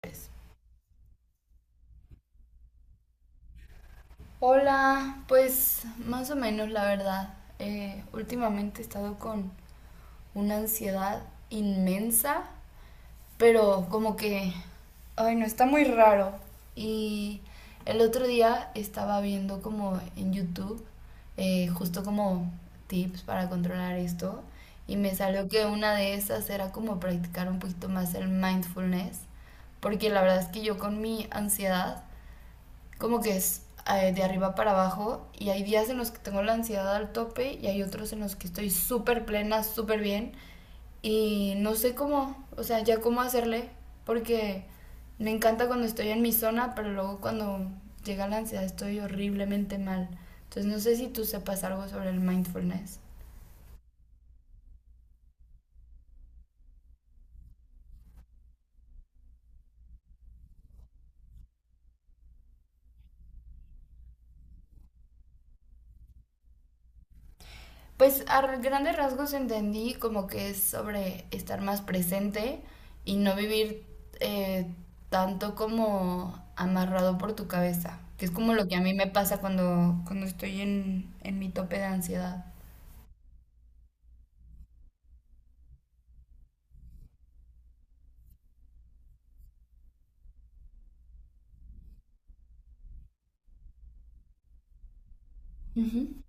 Pues, hola, pues más o menos la verdad. Últimamente he estado con una ansiedad inmensa, pero como que, ay, no, está muy raro. Y el otro día estaba viendo como en YouTube, justo como tips para controlar esto, y me salió que una de esas era como practicar un poquito más el mindfulness, porque la verdad es que yo con mi ansiedad como que es de arriba para abajo, y hay días en los que tengo la ansiedad al tope y hay otros en los que estoy súper plena, súper bien, y no sé cómo, o sea, ya cómo hacerle, porque me encanta cuando estoy en mi zona, pero luego cuando llega la ansiedad estoy horriblemente mal. Entonces no sé si tú sepas algo sobre el mindfulness. Pues a grandes rasgos entendí como que es sobre estar más presente y no vivir, eh, tanto como amarrado por tu cabeza, que es como lo que a mí me pasa cuando estoy en mi tope de ansiedad. Ujú.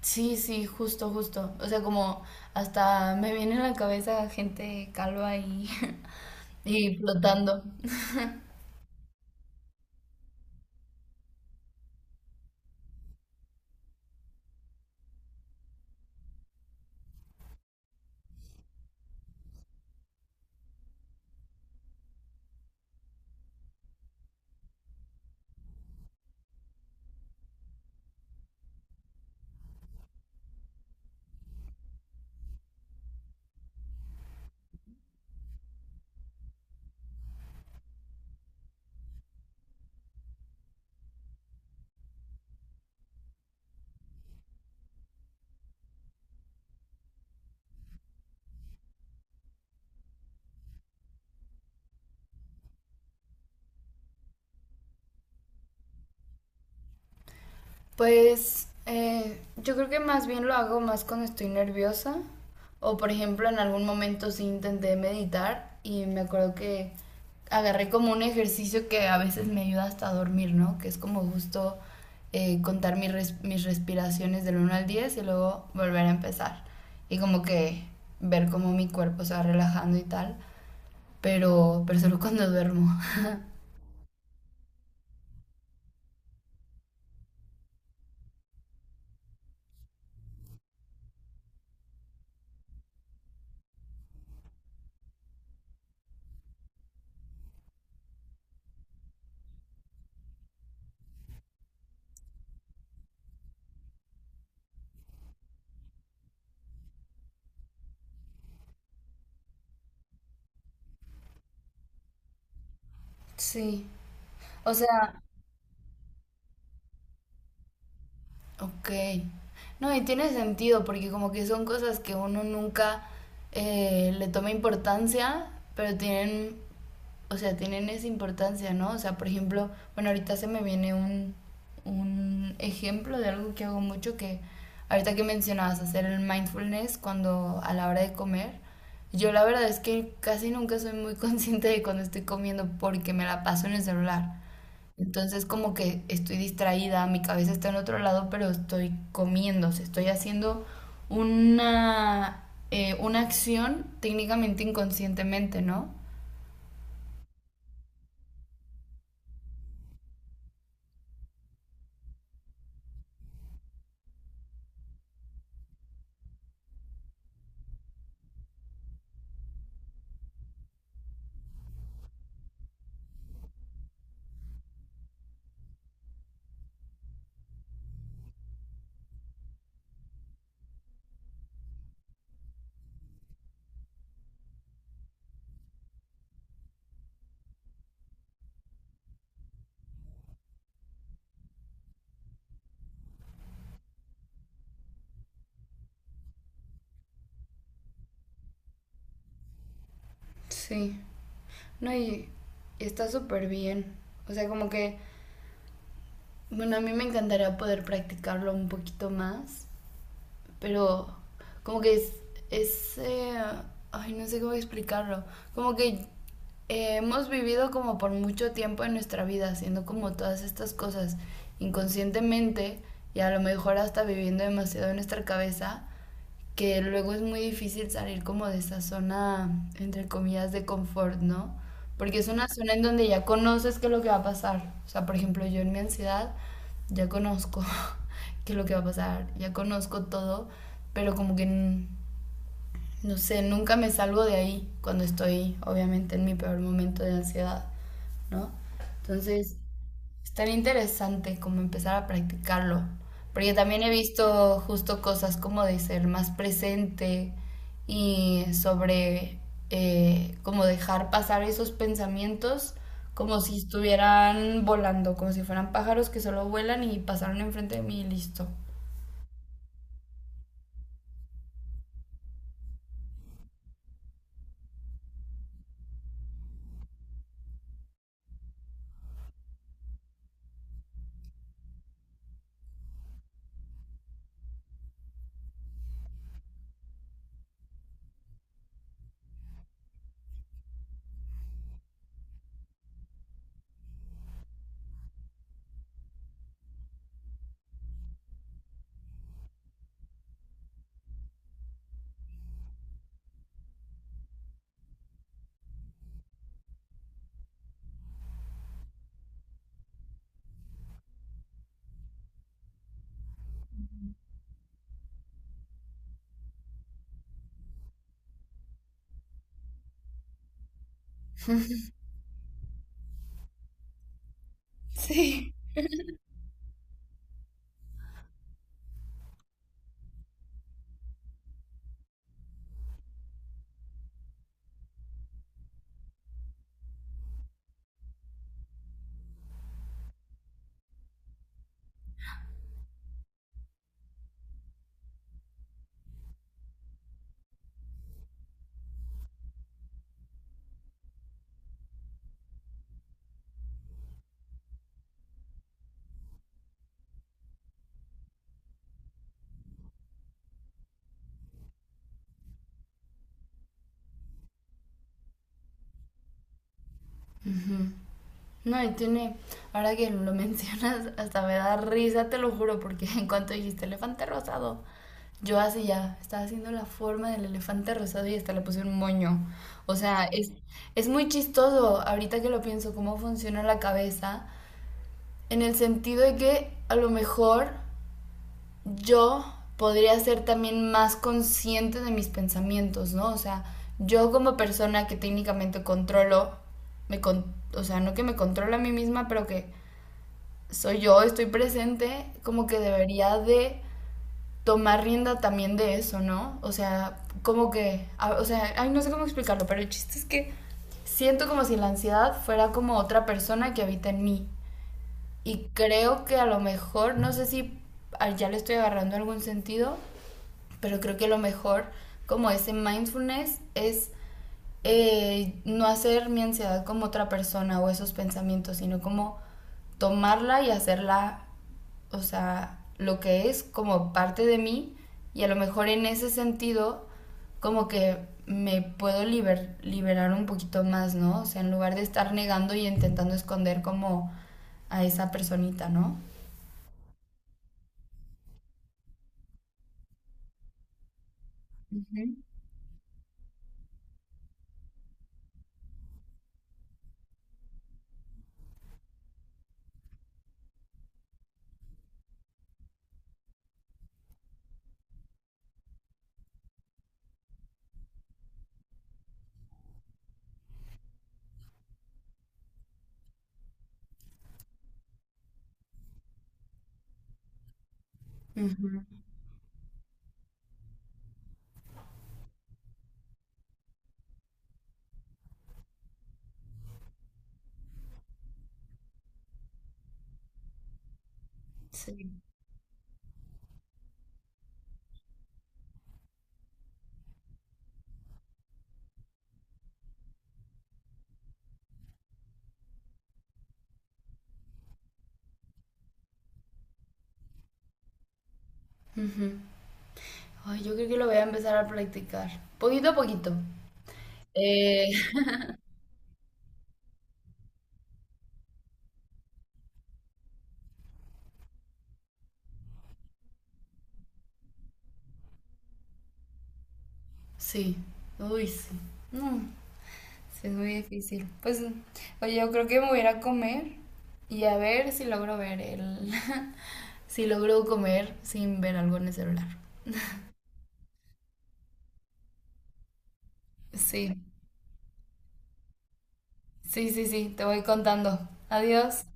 Sí, sí, justo, justo. O sea, como hasta me viene a la cabeza gente calva y, y flotando. Pues yo creo que más bien lo hago más cuando estoy nerviosa, o por ejemplo en algún momento sí intenté meditar y me acuerdo que agarré como un ejercicio que a veces me ayuda hasta a dormir, ¿no? Que es como justo, contar mis respiraciones del uno al 10 y luego volver a empezar, y como que ver cómo mi cuerpo se va relajando y tal, pero solo cuando duermo. Sí, o sea. Ok. No, y tiene sentido porque como que son cosas que uno nunca, le toma importancia, pero tienen, o sea, tienen esa importancia, ¿no? O sea, por ejemplo, bueno, ahorita se me viene un ejemplo de algo que hago mucho, que ahorita que mencionabas hacer el mindfulness cuando a la hora de comer, yo la verdad es que casi nunca soy muy consciente de cuando estoy comiendo porque me la paso en el celular. Entonces como que estoy distraída, mi cabeza está en otro lado, pero estoy comiendo, o sea, estoy haciendo una, una acción técnicamente inconscientemente, ¿no? Sí. No, y está súper bien. O sea, como que, bueno, a mí me encantaría poder practicarlo un poquito más, pero como que es, ay, no sé cómo explicarlo, como que, hemos vivido como por mucho tiempo en nuestra vida haciendo como todas estas cosas inconscientemente, y a lo mejor hasta viviendo demasiado en nuestra cabeza, que luego es muy difícil salir como de esa zona, entre comillas, de confort, ¿no? Porque es una zona en donde ya conoces qué es lo que va a pasar. O sea, por ejemplo, yo en mi ansiedad ya conozco qué es lo que va a pasar, ya conozco todo, pero como que, no sé, nunca me salgo de ahí cuando estoy, obviamente, en mi peor momento de ansiedad, ¿no? Entonces, estaría interesante como empezar a practicarlo, porque también he visto justo cosas como de ser más presente y sobre, como dejar pasar esos pensamientos como si estuvieran volando, como si fueran pájaros que solo vuelan y pasaron enfrente de mí y listo. Sí. No, y tiene, ahora que lo mencionas, hasta me da risa, te lo juro, porque en cuanto dijiste elefante rosado, yo así ya, estaba haciendo la forma del elefante rosado y hasta le puse un moño. O sea, es muy chistoso ahorita que lo pienso, cómo funciona la cabeza, en el sentido de que a lo mejor yo podría ser también más consciente de mis pensamientos, ¿no? O sea, yo como persona que técnicamente controlo, o sea, no que me controlo a mí misma, pero que soy yo, estoy presente, como que debería de tomar rienda también de eso, ¿no? O sea, como que, o sea, ay, no sé cómo explicarlo, pero el chiste es que siento como si la ansiedad fuera como otra persona que habita en mí. Y creo que a lo mejor, no sé si, ah, ya le estoy agarrando algún sentido, pero creo que a lo mejor como ese mindfulness es, no hacer mi ansiedad como otra persona o esos pensamientos, sino como tomarla y hacerla, o sea, lo que es como parte de mí, y a lo mejor en ese sentido como que me puedo liberar un poquito más, ¿no? O sea, en lugar de estar negando y intentando esconder como a esa personita, ¿no? Ujú. Ujú. Sí. Ay, yo creo que lo voy a empezar a practicar, poquito a poquito. Eh, Sí, uy, sí. No, sí, es muy difícil. Pues, oye, yo creo que me voy a ir a comer y a ver si logro ver el... si logro comer sin ver algo en el celular. Sí, sí, sí, sí, te voy contando. Adiós.